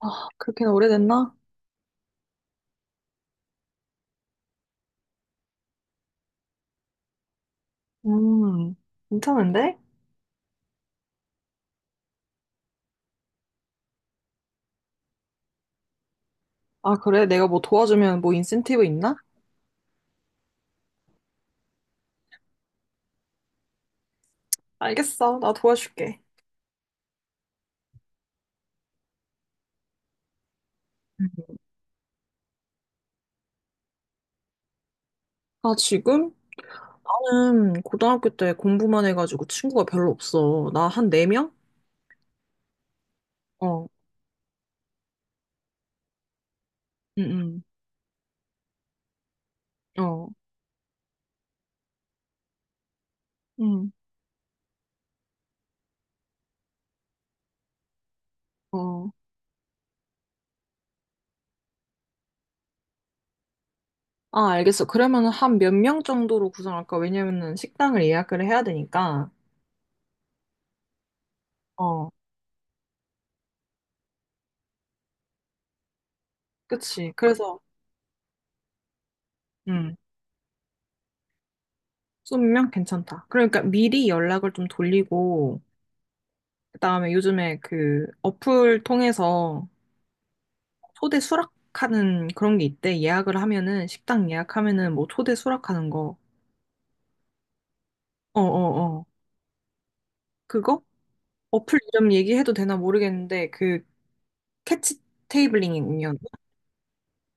아, 그렇게는 오래됐나? 음, 괜찮은데? 아, 그래? 내가 뭐 도와주면 뭐 인센티브 있나? 알겠어. 나 도와줄게. 음. 아, 지금? 나는 고등학교 때 공부만 해가지고 친구가 별로 없어. 나 한 네명. 어, 응, 응, 어, 응, 어. 아, 알겠어. 그러면 한 몇 명 정도로 구성할까? 왜냐면은 식당을 예약을 해야 되니까. 응. 어, 그치. 그래서, 응, 20명? 괜찮다. 그러니까 미리 연락을 좀 돌리고, 그다음에 요즘에 그 어플 통해서 초대 수락하는 그런 게 있대. 예약을 하면은 식당 예약하면은 뭐 초대 수락하는 거. 어, 어, 어. 그거? 어플 이름 얘기해도 되나 모르겠는데 그 캐치 테이블링이군요.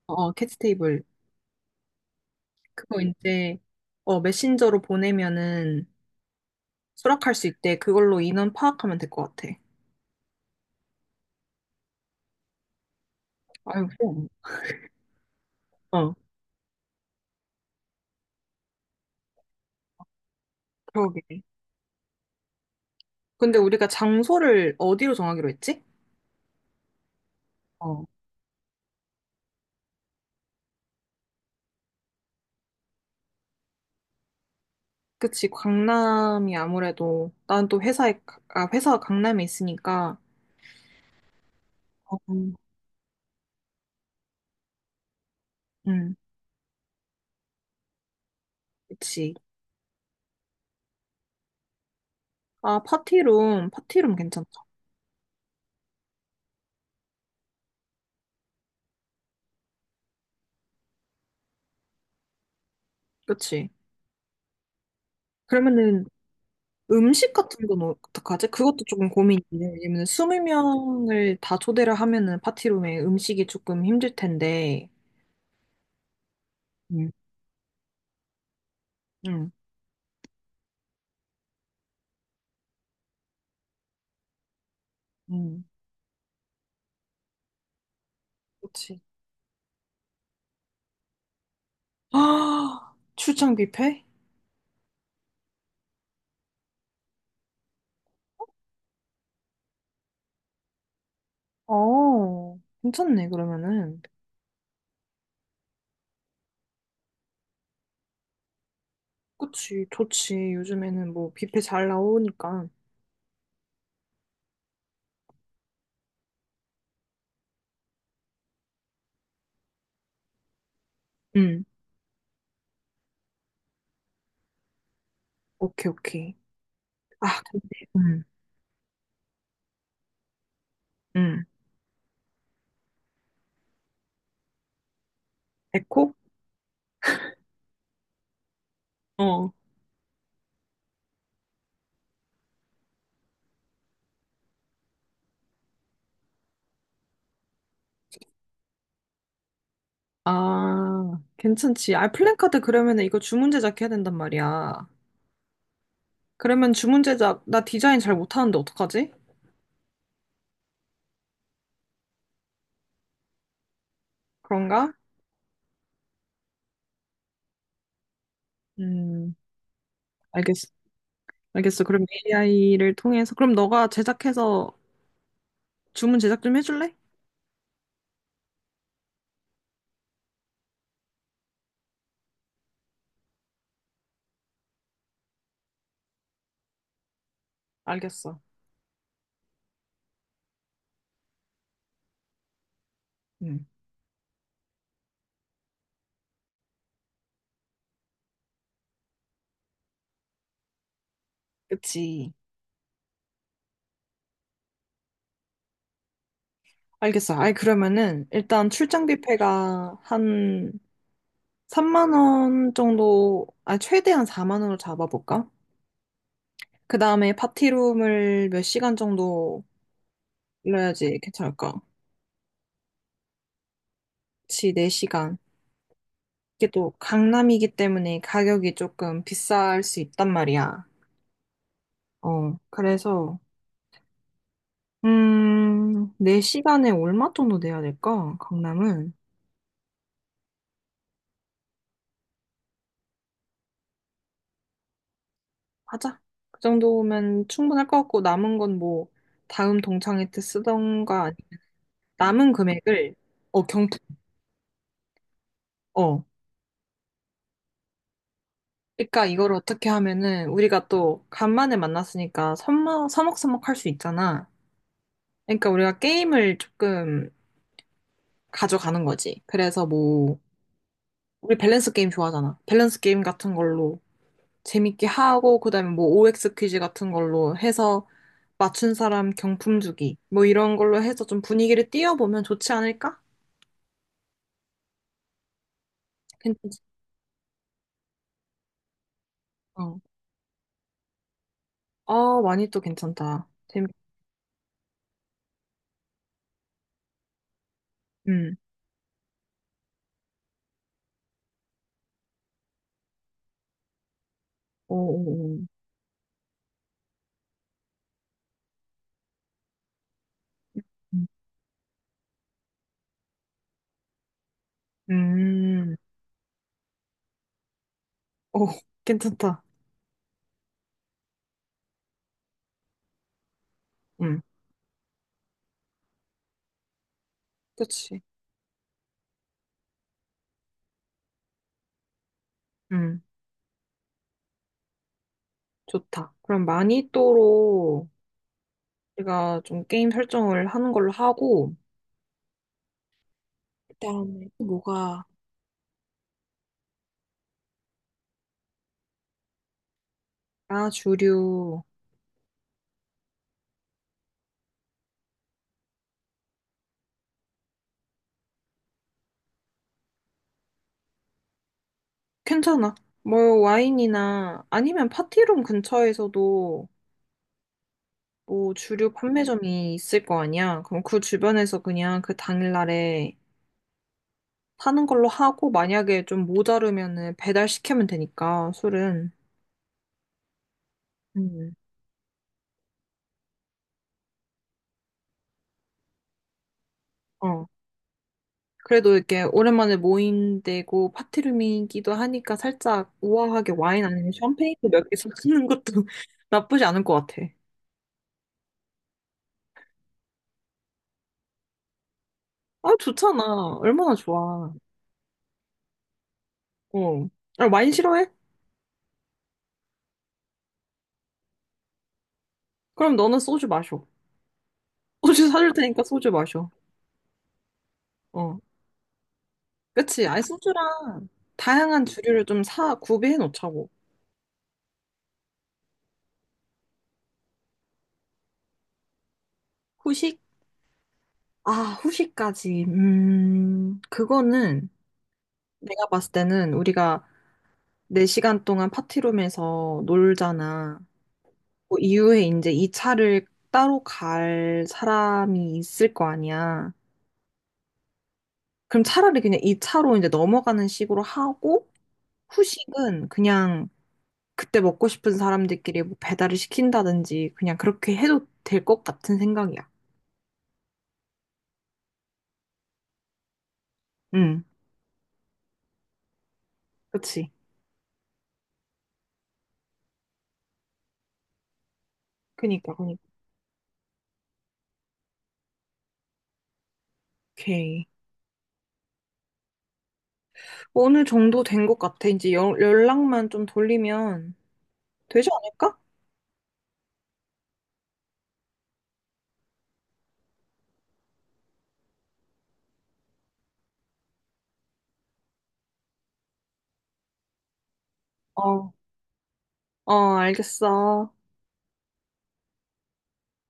어, 어, 캐치 테이블. 그거 이제 어 메신저로 보내면은 수락할 수 있대. 그걸로 인원 파악하면 될 것 같아. 아유, 어, 그러게. 근데 우리가 장소를 어디로 정하기로 했지? 어. 그치, 강남이 아무래도, 난 또 회사에, 아, 회사가 강남에 있으니까, 어, 음, 그치. 아, 파티룸, 파티룸 괜찮다. 그치. 그러면은 음식 같은 건 어떡하지? 그것도 조금 고민이네. 왜냐면 20명을 다 초대를 하면은 파티룸에 음식이 조금 힘들 텐데, 음. 음, 음, 그치. 아, 출장 뷔페? 어, 괜찮네, 그러면은. 그치, 좋지. 요즘에는 뭐 뷔페 잘 나오니까. 음, 오케이, 오케이. 아, 근데, 음, 음, 에코? 어. 아, 괜찮지. 아, 플랜카드 그러면 은 이거 주문 제작해야 된단 말이야. 그러면 주문 제작, 나 디자인 잘 못하는데 어떡하지? 그런가? 음, 알겠어. 알겠어. 그럼 AI를 통해서, 그럼 너가 제작해서 주문 제작 좀 해줄래? 알겠어. 음, 그치. 알겠어. 아이, 그러면은, 일단 출장비패가 한 3만 원 정도, 아, 최대한 4만 원으로 잡아볼까? 그 다음에 파티룸을 몇 시간 정도 빌려야지 괜찮을까? 그치, 4시간. 이게 또 강남이기 때문에 가격이 조금 비쌀 수 있단 말이야. 어, 그래서, 4시간에 얼마 정도 내야 될까? 강남은? 하자. 그 정도면 충분할 것 같고, 남은 건 뭐, 다음 동창회 때 쓰던가, 남은 금액을, 어, 경품, 어. 그러니까 이걸 어떻게 하면은, 우리가 또, 간만에 만났으니까, 서먹할 수 있잖아. 그러니까 우리가 게임을 조금 가져가는 거지. 그래서 뭐 우리 밸런스 게임 좋아하잖아. 밸런스 게임 같은 걸로 재밌게 하고 그다음에 뭐 OX 퀴즈 같은 걸로 해서 맞춘 사람 경품 주기 뭐 이런 걸로 해서 좀 분위기를 띄워보면 좋지 않을까? 괜찮지? 어. 아, 많이 또 괜찮다. 재밌. 음. 오, 오, 오. 음. 음. 오, 괜찮다. 음. 그렇지. 음. 좋다. 그럼 마니또로 우리가 좀 게임 설정을 하는 걸로 하고 그다음에 또 뭐가. 아, 주류. 괜찮아. 뭐 와인이나 아니면 파티룸 근처에서도 뭐 주류 판매점이 있을 거 아니야. 그럼 그 주변에서 그냥 그 당일날에 사는 걸로 하고, 만약에 좀 모자르면은 배달 시키면 되니까 술은. 음. 어, 그래도 이렇게 오랜만에 모인 데고 파티룸이기도 하니까 살짝 우아하게 와인 아니면 샴페인도 몇 개 사는 것도 나쁘지 않을 것 같아. 아, 좋잖아. 얼마나 좋아. 어. 아, 와인 싫어해? 그럼 너는 소주 마셔. 소주 사줄 테니까 소주 마셔. 어. 그치. 아니, 소주랑 다양한 주류를 좀 사, 구비해 놓자고. 후식? 아, 후식까지. 그거는 내가 봤을 때는 우리가 4시간 동안 파티룸에서 놀잖아. 그 이후에 이제 이 차를 따로 갈 사람이 있을 거 아니야. 그럼 차라리 그냥 이 차로 이제 넘어가는 식으로 하고, 후식은 그냥 그때 먹고 싶은 사람들끼리 뭐 배달을 시킨다든지 그냥 그렇게 해도 될 것 같은 생각이야. 응. 그치? 그니까, 그니까. 오케이. 어느 정도 된 것 같아. 이제 연 연락만 좀 돌리면 되지 않을까? 어. 어, 알겠어.